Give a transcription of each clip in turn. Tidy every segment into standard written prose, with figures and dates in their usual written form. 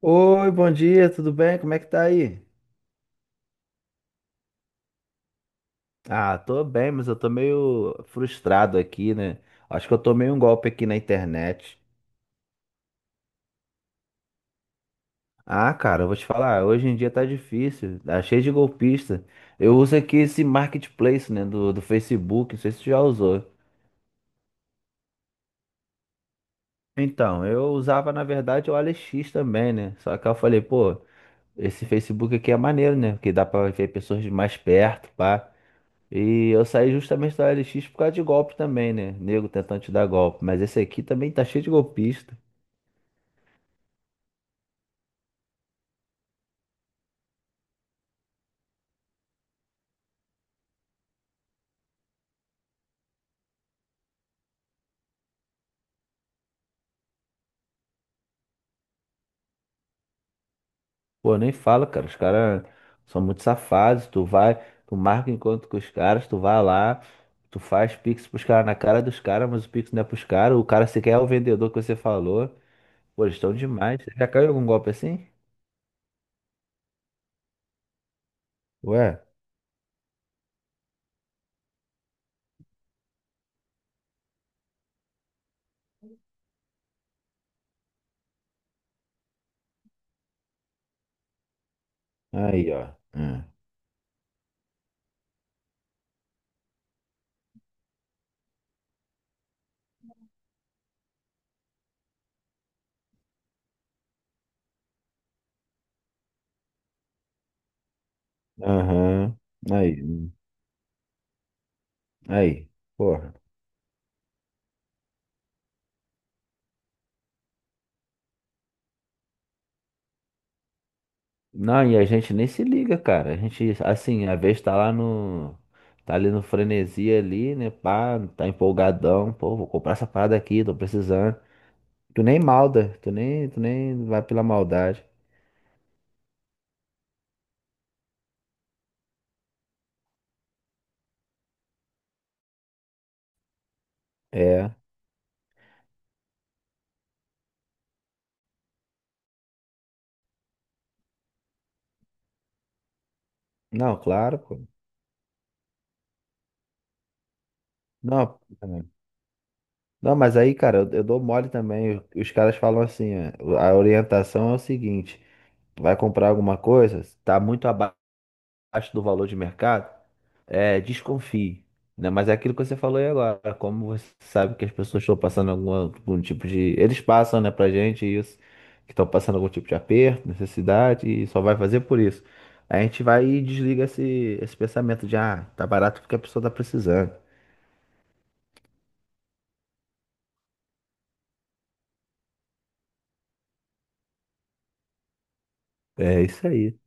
Oi, bom dia, tudo bem? Como é que tá aí? Ah, tô bem, mas eu tô meio frustrado aqui, né? Acho que eu tomei um golpe aqui na internet. Ah, cara, eu vou te falar, hoje em dia tá difícil, tá cheio de golpista. Eu uso aqui esse marketplace, né, do Facebook, não sei se tu já usou. Então, eu usava, na verdade, o AliEx também, né? Só que eu falei, pô, esse Facebook aqui é maneiro, né? Porque dá pra ver pessoas de mais perto, pá. E eu saí justamente da OLX por causa de golpe também, né? Nego tentando te dar golpe. Mas esse aqui também tá cheio de golpista. Pô, nem fala, cara. Os caras são muito safados. Tu vai, tu marca encontro com os caras, tu vai lá, tu faz pix pros caras na cara dos caras, mas o pix não é pros caras. O cara sequer é o vendedor que você falou. Pô, eles estão demais. Você já caiu em algum golpe assim? Ué? Aí, ó. Hum. Aham. Aí. Hum. Aí. Porra. Não, e a gente nem se liga, cara. A gente, assim, às vezes tá lá no. Tá ali no frenesi ali, né? Pá, tá empolgadão. Pô, vou comprar essa parada aqui, tô precisando. Tu nem malda, tu nem vai pela maldade. É. Não, claro, pô. Não, não, mas aí, cara, eu dou mole também. Os caras falam assim, ó, a orientação é o seguinte, vai comprar alguma coisa, tá muito abaixo. Do valor de mercado, é, desconfie, né? Mas é aquilo que você falou aí agora, como você sabe que as pessoas estão passando algum tipo de. Eles passam, né, pra gente isso, que estão passando algum tipo de aperto, necessidade, e só vai fazer por isso. A gente vai e desliga esse pensamento de, ah, tá barato porque a pessoa tá precisando. É isso aí.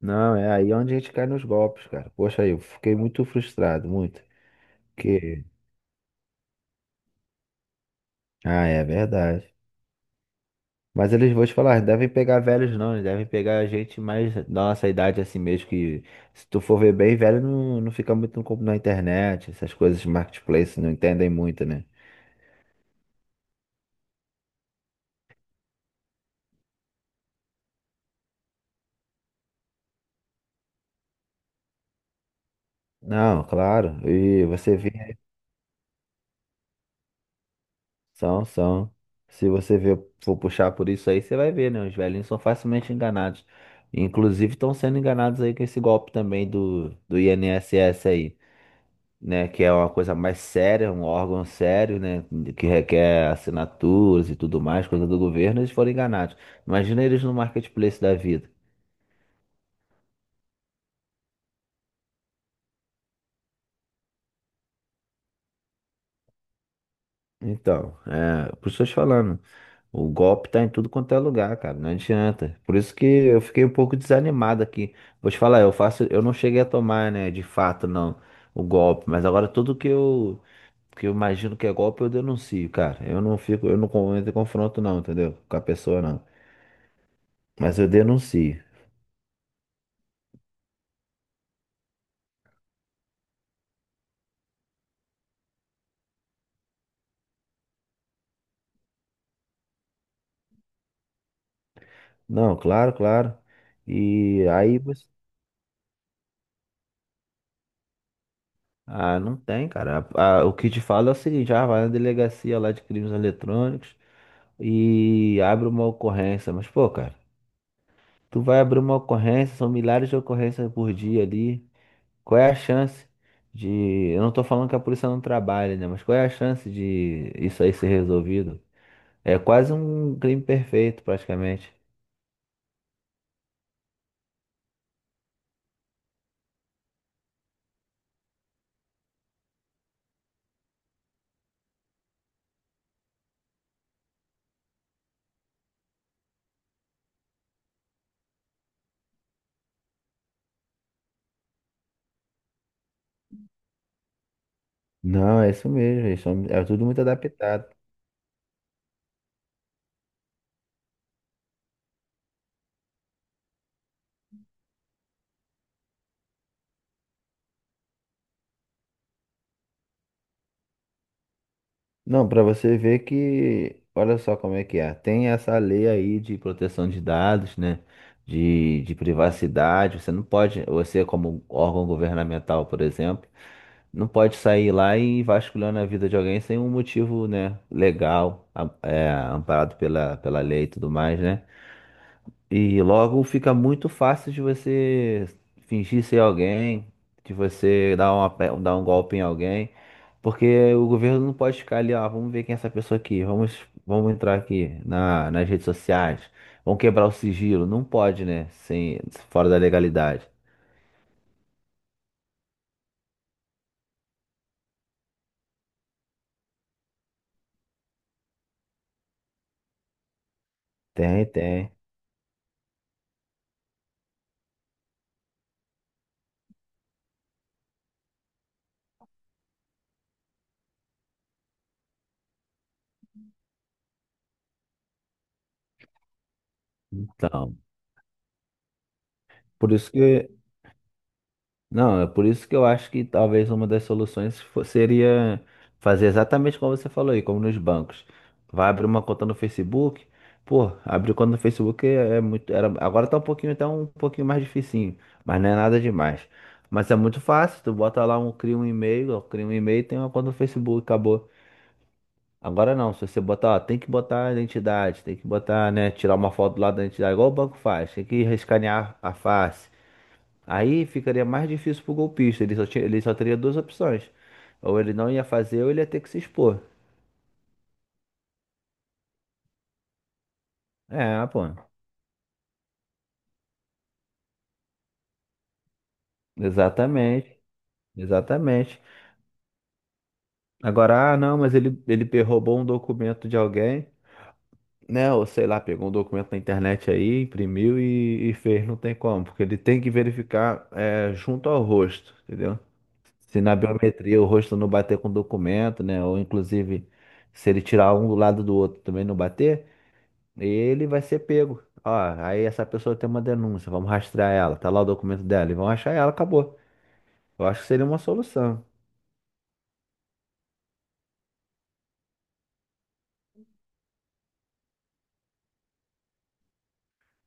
Não, é aí onde a gente cai nos golpes, cara. Poxa, aí, eu fiquei muito frustrado, muito. Porque. Ah, é verdade. Mas eles, vou te falar, não devem pegar velhos não, eles devem pegar gente mais da nossa idade assim mesmo, que se tu for ver bem, velho não, não fica muito no na internet, essas coisas de marketplace não entendem muito, né? Não, claro, e você vê, são, são. Se você for puxar por isso aí, você vai ver, né? Os velhinhos são facilmente enganados. Inclusive estão sendo enganados aí com esse golpe também do INSS aí. Né? Que é uma coisa mais séria, um órgão sério, né? Que requer assinaturas e tudo mais, coisa do governo, eles foram enganados. Imagina eles no marketplace da vida. Então, é, por isso eu tô te falando, o golpe tá em tudo quanto é lugar, cara, não adianta. Por isso que eu fiquei um pouco desanimado aqui. Vou te falar, eu faço, eu não cheguei a tomar, né, de fato, não, o golpe, mas agora tudo que eu imagino que é golpe, eu denuncio, cara. Eu não fico, eu não entro em confronto não, entendeu? Com a pessoa não. Mas eu denuncio. Não, claro, claro. E aí você. Ah, não tem, cara. Ah, o que te falo é o seguinte: vai na delegacia lá de crimes eletrônicos e abre uma ocorrência. Mas, pô, cara, tu vai abrir uma ocorrência, são milhares de ocorrências por dia ali. Qual é a chance de. Eu não tô falando que a polícia não trabalha, né? Mas qual é a chance de isso aí ser resolvido? É quase um crime perfeito, praticamente. Não, é isso mesmo. É tudo muito adaptado. Não, para você ver que, olha só como é que é. Tem essa lei aí de proteção de dados, né? De privacidade. Você não pode, você como órgão governamental, por exemplo, não pode sair lá e vasculhando a vida de alguém sem um motivo, né? Legal, é, amparado pela lei e tudo mais, né? E logo fica muito fácil de você fingir ser alguém, de você dar um golpe em alguém, porque o governo não pode ficar ali, ó, vamos ver quem é essa pessoa aqui, vamos entrar aqui nas redes sociais, vamos quebrar o sigilo. Não pode, né? Sem, fora da legalidade. Tem, tem. Então, por isso que Não, é por isso que eu acho que talvez uma das soluções seria fazer exatamente como você falou aí, como nos bancos. Vai abrir uma conta no Facebook. Pô, abrir conta no Facebook é muito. Era, agora tá um pouquinho, mais dificinho, mas não é nada demais. Mas é muito fácil, tu bota lá um, cria um e-mail, ó, cria um e-mail e tem uma conta no Facebook, acabou. Agora não, se você botar, ó, tem que botar a identidade, tem que botar, né, tirar uma foto lá da identidade, igual o banco faz, tem que escanear a face. Aí ficaria mais difícil pro golpista. Ele só teria duas opções. Ou ele não ia fazer, ou ele ia ter que se expor. É, pô. Exatamente. Exatamente. Agora, não, mas ele roubou um documento de alguém, né? Ou sei lá, pegou um documento na internet aí, imprimiu e fez. Não tem como, porque ele tem que verificar junto ao rosto, entendeu? Se na biometria o rosto não bater com o documento, né? Ou inclusive, se ele tirar um do lado do outro também não bater. Ele vai ser pego. Ó, aí essa pessoa tem uma denúncia, vamos rastrear ela, tá lá o documento dela, e vão achar ela, acabou. Eu acho que seria uma solução.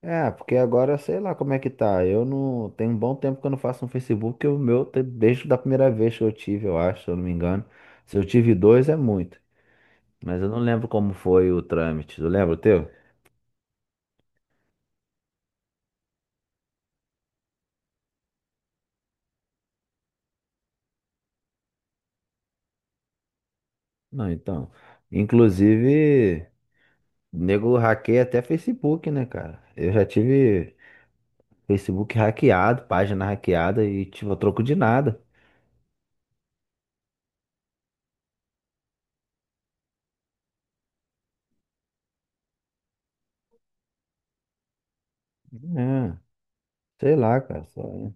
É, porque agora sei lá como é que tá. Eu não. Tem um bom tempo que eu não faço um Facebook, o meu desde da primeira vez que eu tive, eu acho, se eu não me engano. Se eu tive dois é muito. Mas eu não lembro como foi o trâmite. Tu lembra o teu? Não, então. Inclusive, nego hackeia até Facebook, né, cara? Eu já tive. Facebook hackeado, página hackeada e, tipo, a troco de nada. É, sei lá, cara. É.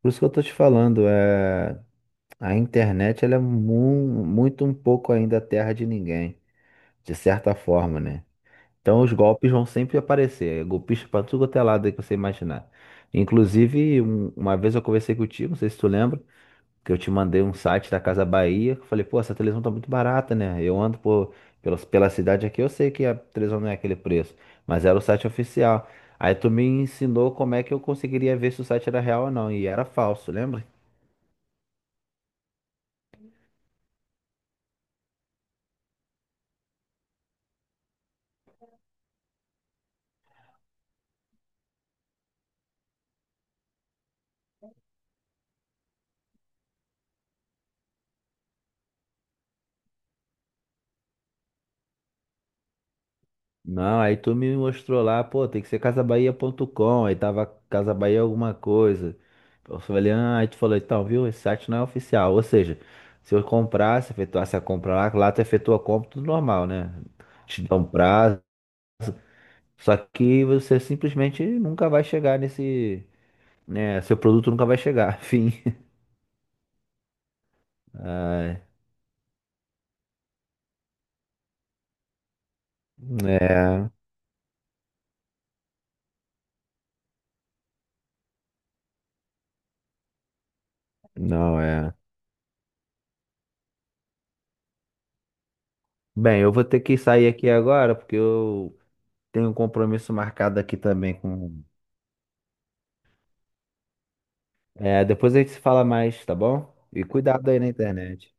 Por isso que eu tô te falando. A internet ela é muito um pouco ainda terra de ninguém, de certa forma, né? Então os golpes vão sempre aparecer, é golpista pra tudo quanto é lado aí que você imaginar. Inclusive, uma vez eu conversei contigo, não sei se tu lembra, que eu te mandei um site da Casa Bahia, que eu falei, pô, essa televisão tá muito barata, né? Eu ando pela cidade aqui, eu sei que a televisão não é aquele preço, mas era o site oficial. Aí tu me ensinou como é que eu conseguiria ver se o site era real ou não, e era falso, lembra? Não, aí tu me mostrou lá, pô, tem que ser casabahia.com, aí tava Casa Bahia alguma coisa. Eu falei, ah, aí tu falou, então, viu, esse site não é oficial, ou seja, se eu comprasse, efetuasse a compra lá, lá tu efetua a compra, tudo normal, né? Te dá um prazo. Só que você simplesmente nunca vai chegar nesse, né? Seu produto nunca vai chegar, fim. Ai, é, não é. Bem, eu vou ter que sair aqui agora porque eu tenho um compromisso marcado aqui também com. É, depois a gente se fala mais, tá bom? E cuidado aí na internet.